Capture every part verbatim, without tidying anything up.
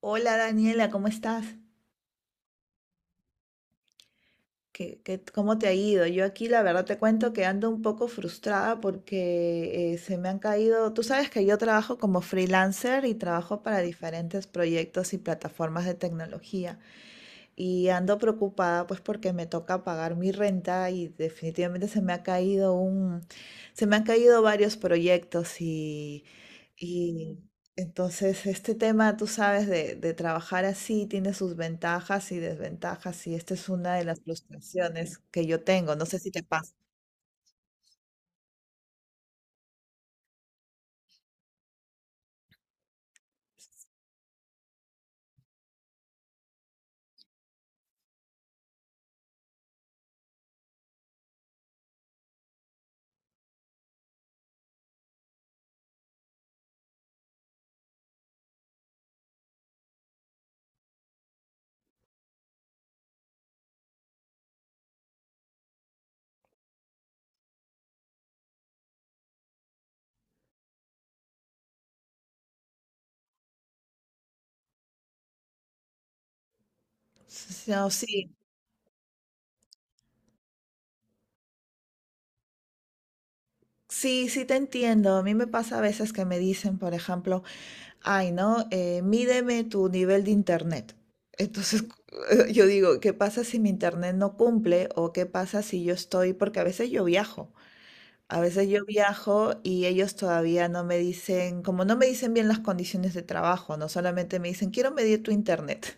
Hola Daniela, ¿cómo estás? ¿Qué, qué- ¿cómo te ha ido? Yo aquí la verdad te cuento que ando un poco frustrada porque eh, se me han caído, tú sabes que yo trabajo como freelancer y trabajo para diferentes proyectos y plataformas de tecnología y ando preocupada pues porque me toca pagar mi renta y definitivamente se me ha caído un, se me han caído varios proyectos y Y entonces este tema, tú sabes, de, de trabajar así tiene sus ventajas y desventajas y esta es una de las frustraciones que yo tengo. No sé si te pasa. No, sí, sí, sí te entiendo. A mí me pasa a veces que me dicen, por ejemplo, ay, ¿no? Eh, mídeme tu nivel de internet. Entonces cu- yo digo, ¿qué pasa si mi internet no cumple? ¿O qué pasa si yo estoy? Porque a veces yo viajo. A veces yo viajo y ellos todavía no me dicen, como no me dicen bien las condiciones de trabajo, no solamente me dicen, quiero medir tu internet.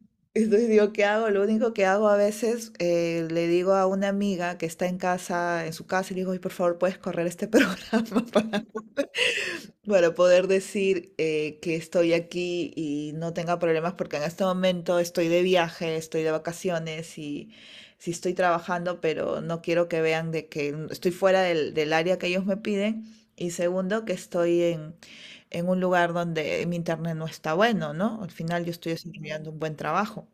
Entonces digo, ¿qué hago? Lo único que hago a veces, eh, le digo a una amiga que está en casa, en su casa, y le digo, "Ay, por favor, ¿puedes correr este programa para para poder decir eh, que estoy aquí y no tenga problemas, porque en este momento estoy de viaje, estoy de vacaciones y sí estoy trabajando, pero no quiero que vean de que estoy fuera del, del área que ellos me piden. Y segundo, que estoy en, en un lugar donde mi internet no está bueno, ¿no? Al final yo estoy desarrollando un buen trabajo.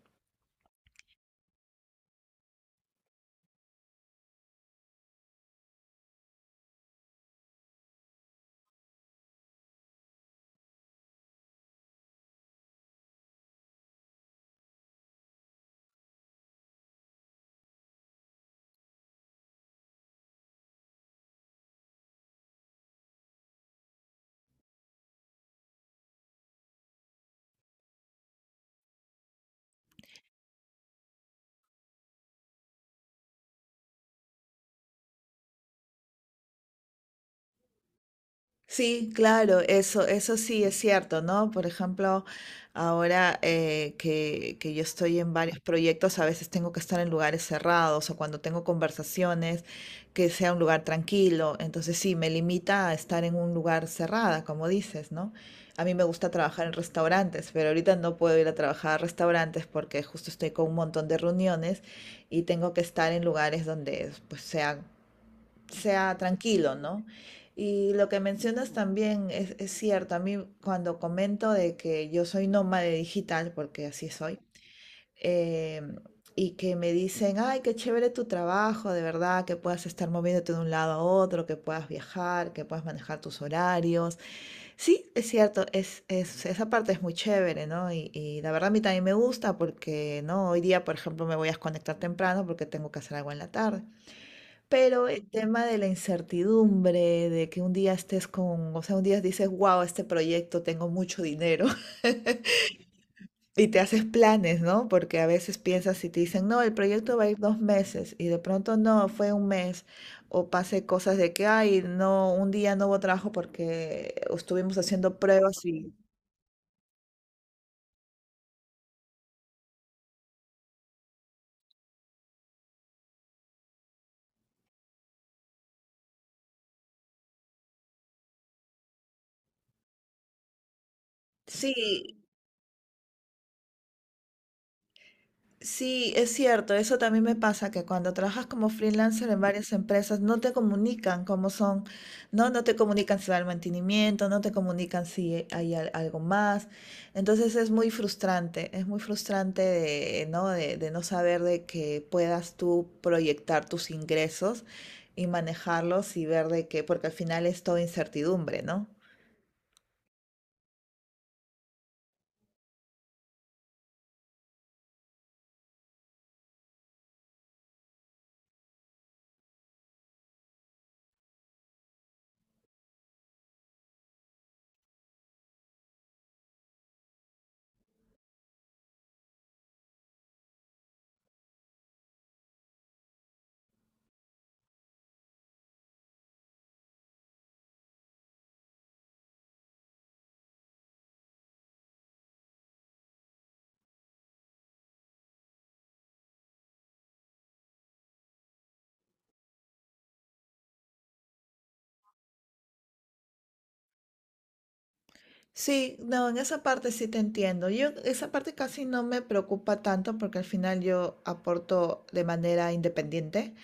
Sí, claro, eso, eso sí es cierto, ¿no? Por ejemplo, ahora eh, que, que yo estoy en varios proyectos, a veces tengo que estar en lugares cerrados o cuando tengo conversaciones, que sea un lugar tranquilo. Entonces sí, me limita a estar en un lugar cerrada, como dices, ¿no? A mí me gusta trabajar en restaurantes, pero ahorita no puedo ir a trabajar a restaurantes porque justo estoy con un montón de reuniones y tengo que estar en lugares donde pues sea sea tranquilo, ¿no? Y lo que mencionas también es, es cierto. A mí cuando comento de que yo soy nómade digital, porque así soy, eh, y que me dicen, ay, qué chévere tu trabajo, de verdad, que puedas estar moviéndote de un lado a otro, que puedas viajar, que puedas manejar tus horarios. Sí, es cierto, es, es- esa parte es muy chévere, ¿no? Y, y la verdad a mí también me gusta porque, ¿no? Hoy día, por ejemplo, me voy a desconectar temprano porque tengo que hacer algo en la tarde. Pero el tema de la incertidumbre, de que un día estés con, o sea, un día dices, wow, este proyecto tengo mucho dinero y te haces planes, ¿no? Porque a veces piensas y te dicen, no, el proyecto va a ir dos meses y de pronto no, fue un mes. O pase cosas de que, ay, no, un día no hubo trabajo porque estuvimos haciendo pruebas y... Sí, sí, es cierto, eso también me pasa, que cuando trabajas como freelancer en varias empresas no te comunican cómo son, no, no te comunican si va el mantenimiento, no te comunican si hay al- algo más. Entonces es muy frustrante, es muy frustrante de, ¿no? de, de no saber de que puedas tú proyectar tus ingresos y manejarlos y ver de que, porque al final es todo incertidumbre, ¿no? Sí, no, en esa parte sí te entiendo. Yo esa parte casi no me preocupa tanto porque al final yo aporto de manera independiente,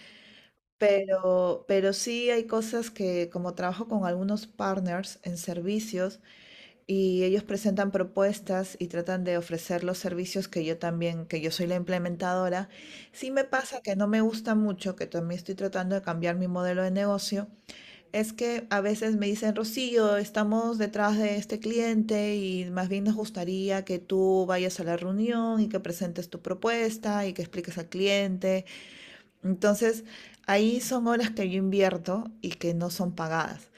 pero, pero sí hay cosas que como trabajo con algunos partners en servicios y ellos presentan propuestas y tratan de ofrecer los servicios que yo también, que yo soy la implementadora, sí me pasa que no me gusta mucho, que también estoy tratando de cambiar mi modelo de negocio. Es que a veces me dicen, Rocío, estamos detrás de este cliente y más bien nos gustaría que tú vayas a la reunión y que presentes tu propuesta y que expliques al cliente. Entonces, ahí son horas que yo invierto y que no son pagadas.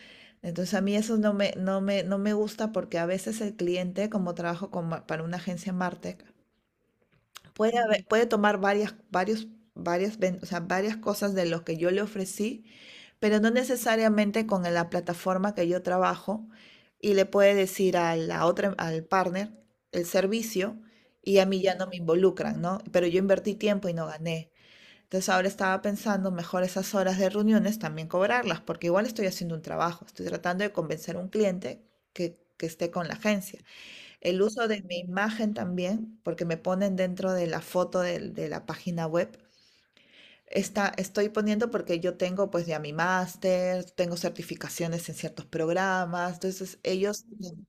Entonces, a mí eso no me, no me, no me gusta porque a veces el cliente, como trabajo con ma- para una agencia Martech, puede, haber- puede tomar varias, varios, varias, ven- o sea, varias cosas de lo que yo le ofrecí pero no necesariamente con la plataforma que yo trabajo y le puede decir a la otra, al partner el servicio y a mí ya no me involucran, ¿no? Pero yo invertí tiempo y no gané. Entonces ahora estaba pensando mejor esas horas de reuniones también cobrarlas, porque igual estoy haciendo un trabajo, estoy tratando de convencer a un cliente que, que esté con la agencia. El uso de mi imagen también, porque me ponen dentro de la foto del- de la página web. Está, estoy poniendo porque yo tengo pues ya mi máster, tengo certificaciones en ciertos programas, entonces ellos tienen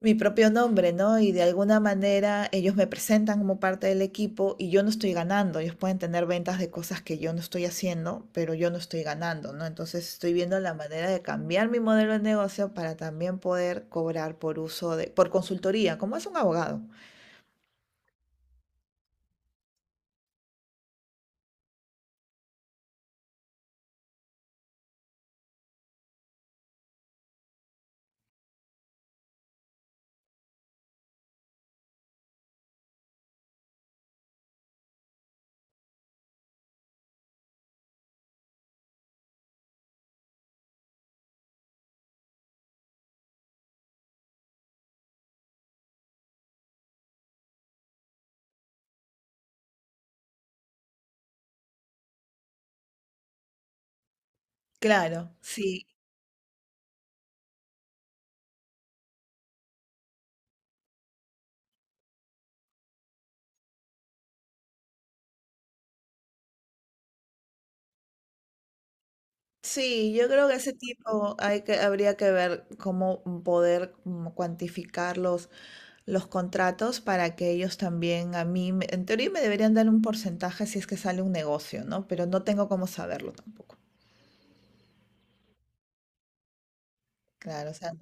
mi propio nombre, ¿no? Y de alguna manera ellos me presentan como parte del equipo y yo no estoy ganando, ellos pueden tener ventas de cosas que yo no estoy haciendo, pero yo no estoy ganando, ¿no? Entonces estoy viendo la manera de cambiar mi modelo de negocio para también poder cobrar por uso de, por consultoría, como es un abogado. Claro, sí. Sí, yo creo que ese tipo hay que, habría que ver cómo poder como cuantificar los, los contratos para que ellos también a mí, me- en teoría me deberían dar un porcentaje si es que sale un negocio, ¿no? Pero no tengo cómo saberlo tampoco. Claro, o sea,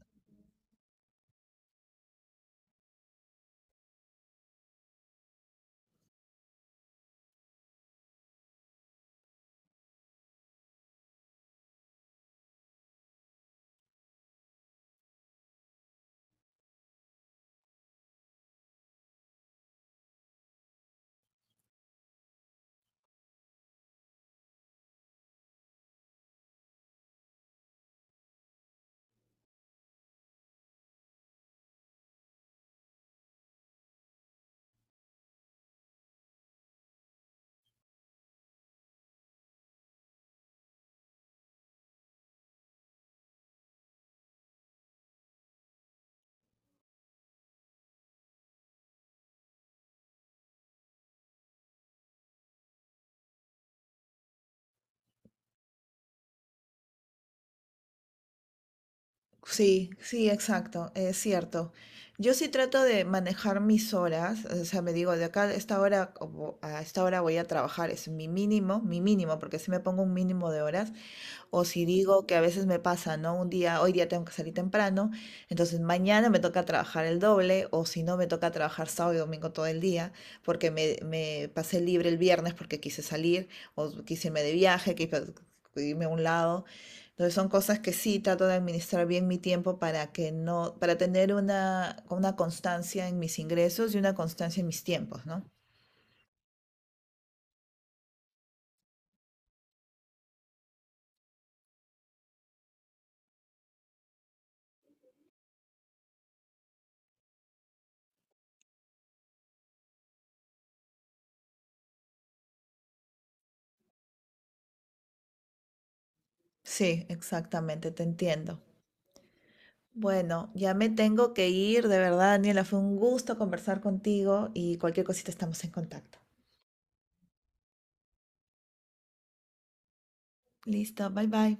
sí, sí, exacto, es cierto. Yo sí trato de manejar mis horas, o sea, me digo, de acá a esta hora, como a esta hora voy a trabajar, es mi mínimo, mi mínimo, porque si me pongo un mínimo de horas, o si digo que a veces me pasa, ¿no? Un día, hoy día tengo que salir temprano, entonces mañana me toca trabajar el doble, o si no, me toca trabajar sábado y domingo todo el día, porque me, me pasé libre el viernes porque quise salir, o quise irme de viaje, quise irme a un lado. Entonces son cosas que sí trato de administrar bien mi tiempo para que no, para tener una, una constancia en mis ingresos y una constancia en mis tiempos, ¿no? Sí, exactamente, te entiendo. Bueno, ya me tengo que ir, de verdad, Daniela, fue un gusto conversar contigo y cualquier cosita estamos en contacto. Listo, bye bye.